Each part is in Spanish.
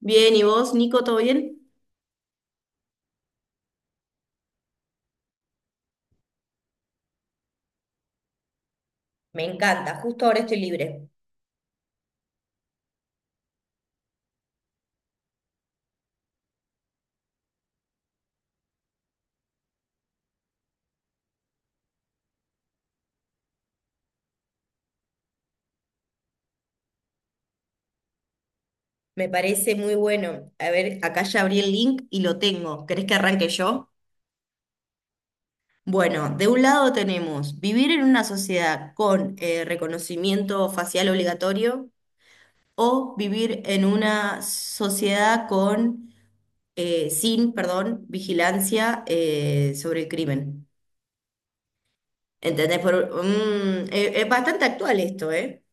Bien, ¿y vos, Nico, todo bien? Me encanta, justo ahora estoy libre. Me parece muy bueno. A ver, acá ya abrí el link y lo tengo. ¿Querés que arranque yo? Bueno, de un lado tenemos vivir en una sociedad con reconocimiento facial obligatorio o vivir en una sociedad con, sin, perdón, vigilancia sobre el crimen. ¿Entendés? Es bastante actual esto, ¿eh?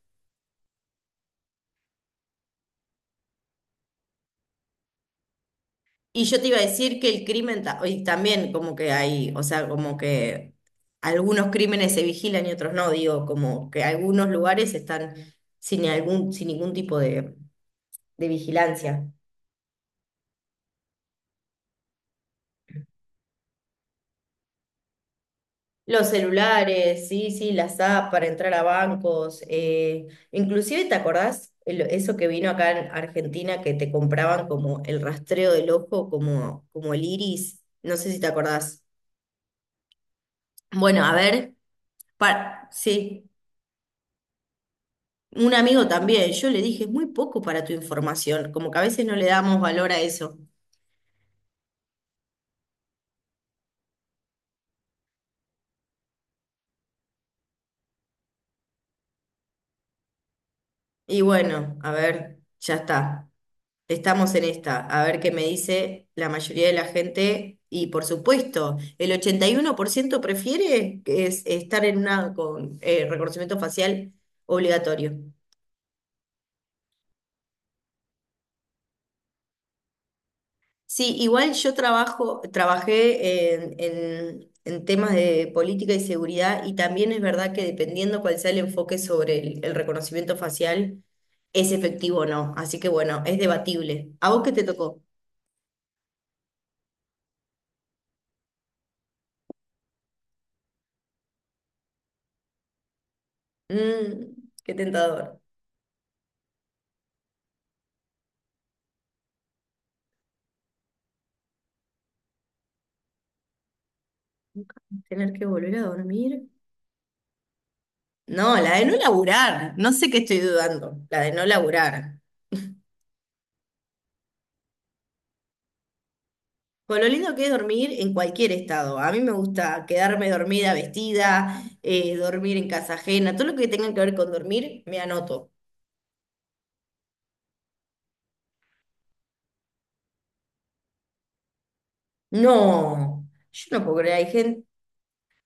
Y yo te iba a decir que el crimen, y también como que hay, o sea, como que algunos crímenes se vigilan y otros no, digo, como que algunos lugares están sin ningún tipo de vigilancia. Los celulares, sí, sí, las apps para entrar a bancos, inclusive, ¿te acordás eso que vino acá en Argentina que te compraban como el rastreo del ojo, como, como el iris? No sé si te acordás. Bueno, a ver, para, sí. Un amigo también, yo le dije, es muy poco para tu información, como que a veces no le damos valor a eso. Y bueno, a ver, ya está. Estamos en esta, a ver qué me dice la mayoría de la gente. Y por supuesto, el 81% prefiere que es estar en una con reconocimiento facial obligatorio. Sí, igual yo trabajo, trabajé en temas de política y seguridad y también es verdad que dependiendo cuál sea el enfoque sobre el reconocimiento facial, es efectivo o no. Así que bueno, es debatible. ¿A vos qué te tocó? Mm, qué tentador. ¿Tener que volver a dormir? No, la de no laburar. No sé qué estoy dudando. La de no laburar. Con lo lindo que es dormir en cualquier estado. A mí me gusta quedarme dormida, vestida, dormir en casa ajena, todo lo que tenga que ver con dormir, me anoto. No, yo no puedo creer. Hay gente,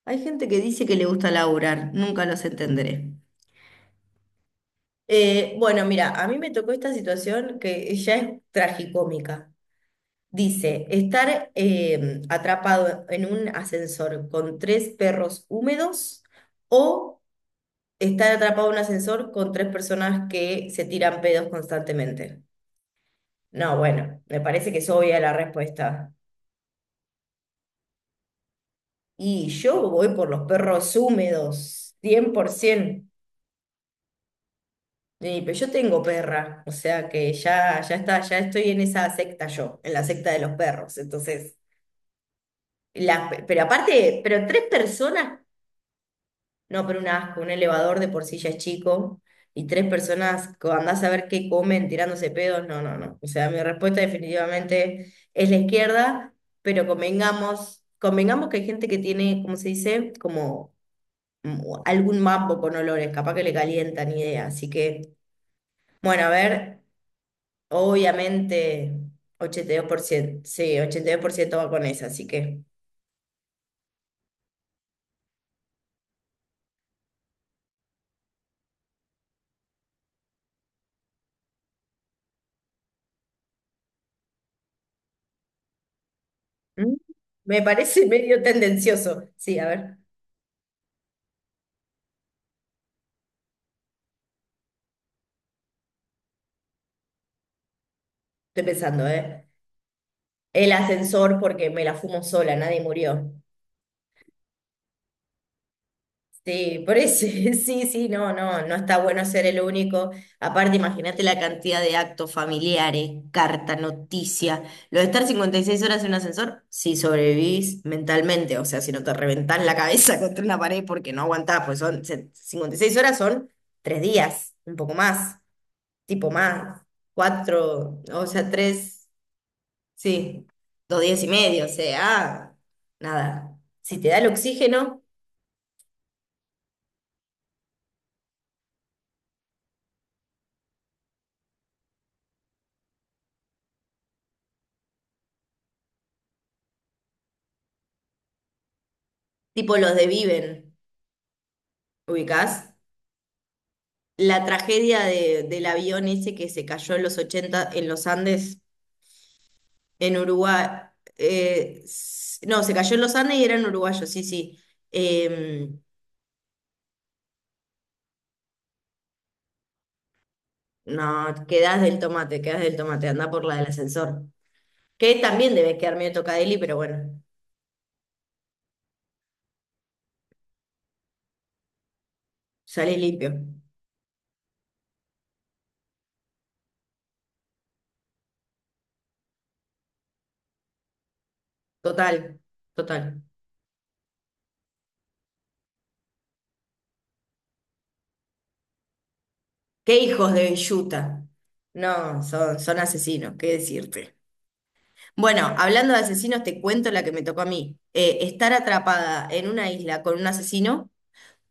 hay gente que dice que le gusta laburar, nunca los entenderé. Bueno, mira, a mí me tocó esta situación que ya es tragicómica. Dice, estar atrapado en un ascensor con tres perros húmedos o estar atrapado en un ascensor con tres personas que se tiran pedos constantemente. No, bueno, me parece que es obvia la respuesta. Y yo voy por los perros húmedos, 100%. Y, pero yo tengo perra, o sea que ya, ya está, ya estoy en esa secta yo, en la secta de los perros. Entonces, pero aparte, pero tres personas. No, pero un asco, un elevador de por sí ya es chico y tres personas, andás a ver qué comen tirándose pedos, no, no, no. O sea, mi respuesta definitivamente es la izquierda, pero convengamos, convengamos que hay gente que tiene, ¿cómo se dice? Como mm, algún mambo con olores, capaz que le calientan idea. Así que, bueno, a ver, obviamente 82% sí, 82% va con esa, así que mm, me parece medio tendencioso. Sí, a ver, estoy pensando, ¿eh? El ascensor porque me la fumo sola, nadie murió. Sí, por eso, sí, sí, no, no, no está bueno ser el único. Aparte, imagínate la cantidad de actos familiares, carta, noticia. Lo de estar 56 horas en un ascensor, si sobrevivís mentalmente, o sea, si no te reventás la cabeza contra una pared porque no aguantás, pues son 56 horas son 3 días, un poco más, tipo más, cuatro, o sea, tres. Sí, 2 días y medio, o sea, nada. Si te da el oxígeno, tipo los de Viven, ¿ubicás? La tragedia del avión ese que se cayó en los 80 en los Andes, en Uruguay. No, se cayó en los Andes y eran uruguayos, sí, sí. Em, no, quedás del tomate, anda por la del ascensor. Que también debes quedar medio tocadeli, pero bueno, sale limpio. Total, total. Qué hijos de Villuta. No, son asesinos, qué decirte. Bueno, hablando de asesinos, te cuento la que me tocó a mí. Estar atrapada en una isla con un asesino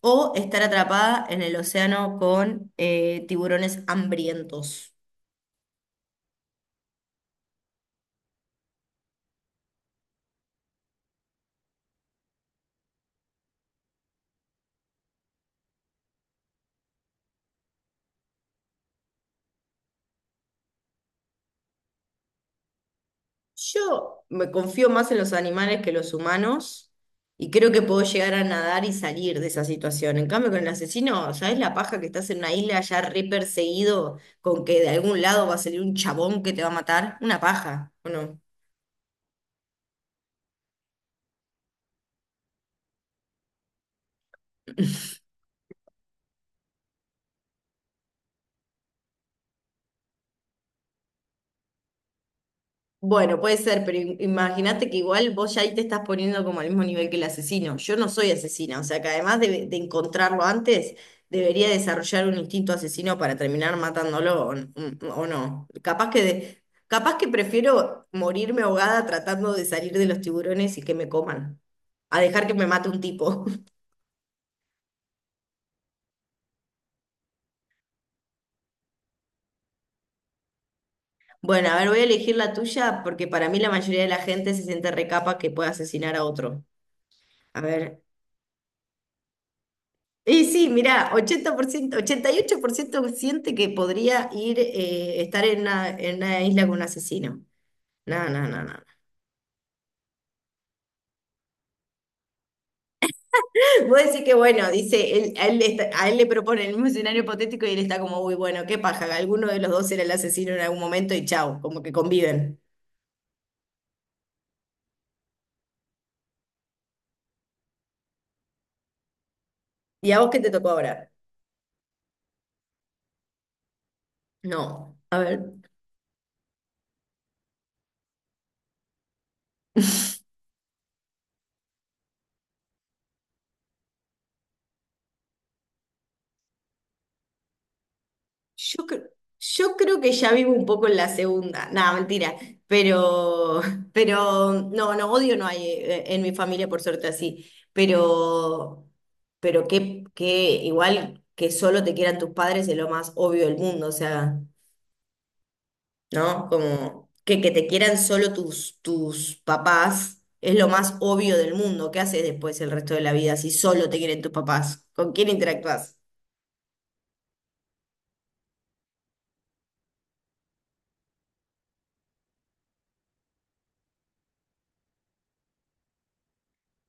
o estar atrapada en el océano con tiburones hambrientos. Yo me confío más en los animales que los humanos y creo que puedo llegar a nadar y salir de esa situación. En cambio, con el asesino, ¿sabes la paja que estás en una isla ya re perseguido con que de algún lado va a salir un chabón que te va a matar? Una paja, ¿o no? Bueno, puede ser, pero imagínate que igual vos ya ahí te estás poniendo como al mismo nivel que el asesino. Yo no soy asesina, o sea que además de encontrarlo antes, debería desarrollar un instinto asesino para terminar matándolo o, o no. Capaz que prefiero morirme ahogada tratando de salir de los tiburones y que me coman, a dejar que me mate un tipo. Bueno, a ver, voy a elegir la tuya porque para mí la mayoría de la gente se siente recapa que pueda asesinar a otro. A ver. Y sí, mirá, 88% siente que podría ir, estar en una, isla con un asesino. No, no, no, no. Vos decís que bueno, dice, él, a, él está- a él le propone el mismo escenario hipotético y él está como, uy, bueno, qué paja, alguno de los dos era el asesino en algún momento y chao como que conviven. ¿Y a vos qué te tocó ahora? No, a ver. Yo, cre- yo creo que ya vivo un poco en la segunda, nada, mentira, pero, pero no, no, odio no hay en mi familia, por suerte así, pero, pero que igual que solo te quieran tus padres es lo más obvio del mundo, o sea, ¿no? Como que te quieran solo tus papás es lo más obvio del mundo, ¿qué haces después el resto de la vida si solo te quieren tus papás? ¿Con quién interactúas?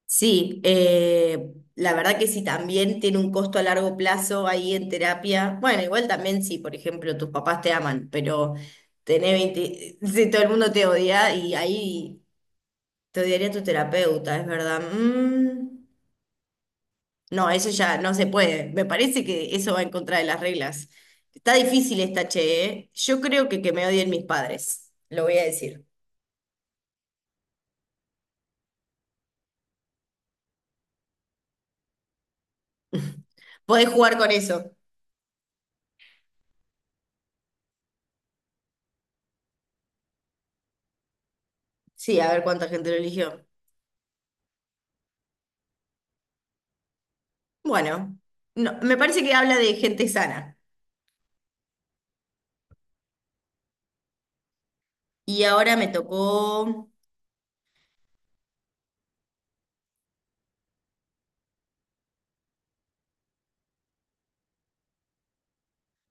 Sí, la verdad que si también tiene un costo a largo plazo ahí en terapia, bueno, igual también si, por ejemplo, tus papás te aman, pero tenés 20, si todo el mundo te odia y ahí te odiaría tu terapeuta, es verdad. Mm, no, eso ya no se puede. Me parece que eso va en contra de las reglas. Está difícil esta, che, ¿eh? Yo creo que me odien mis padres, lo voy a decir. Podés jugar con eso. Sí, a ver cuánta gente lo eligió. Bueno, no, me parece que habla de gente sana. Y ahora me tocó.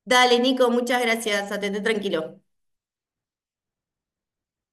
Dale, Nico, muchas gracias. Atendé tranquilo.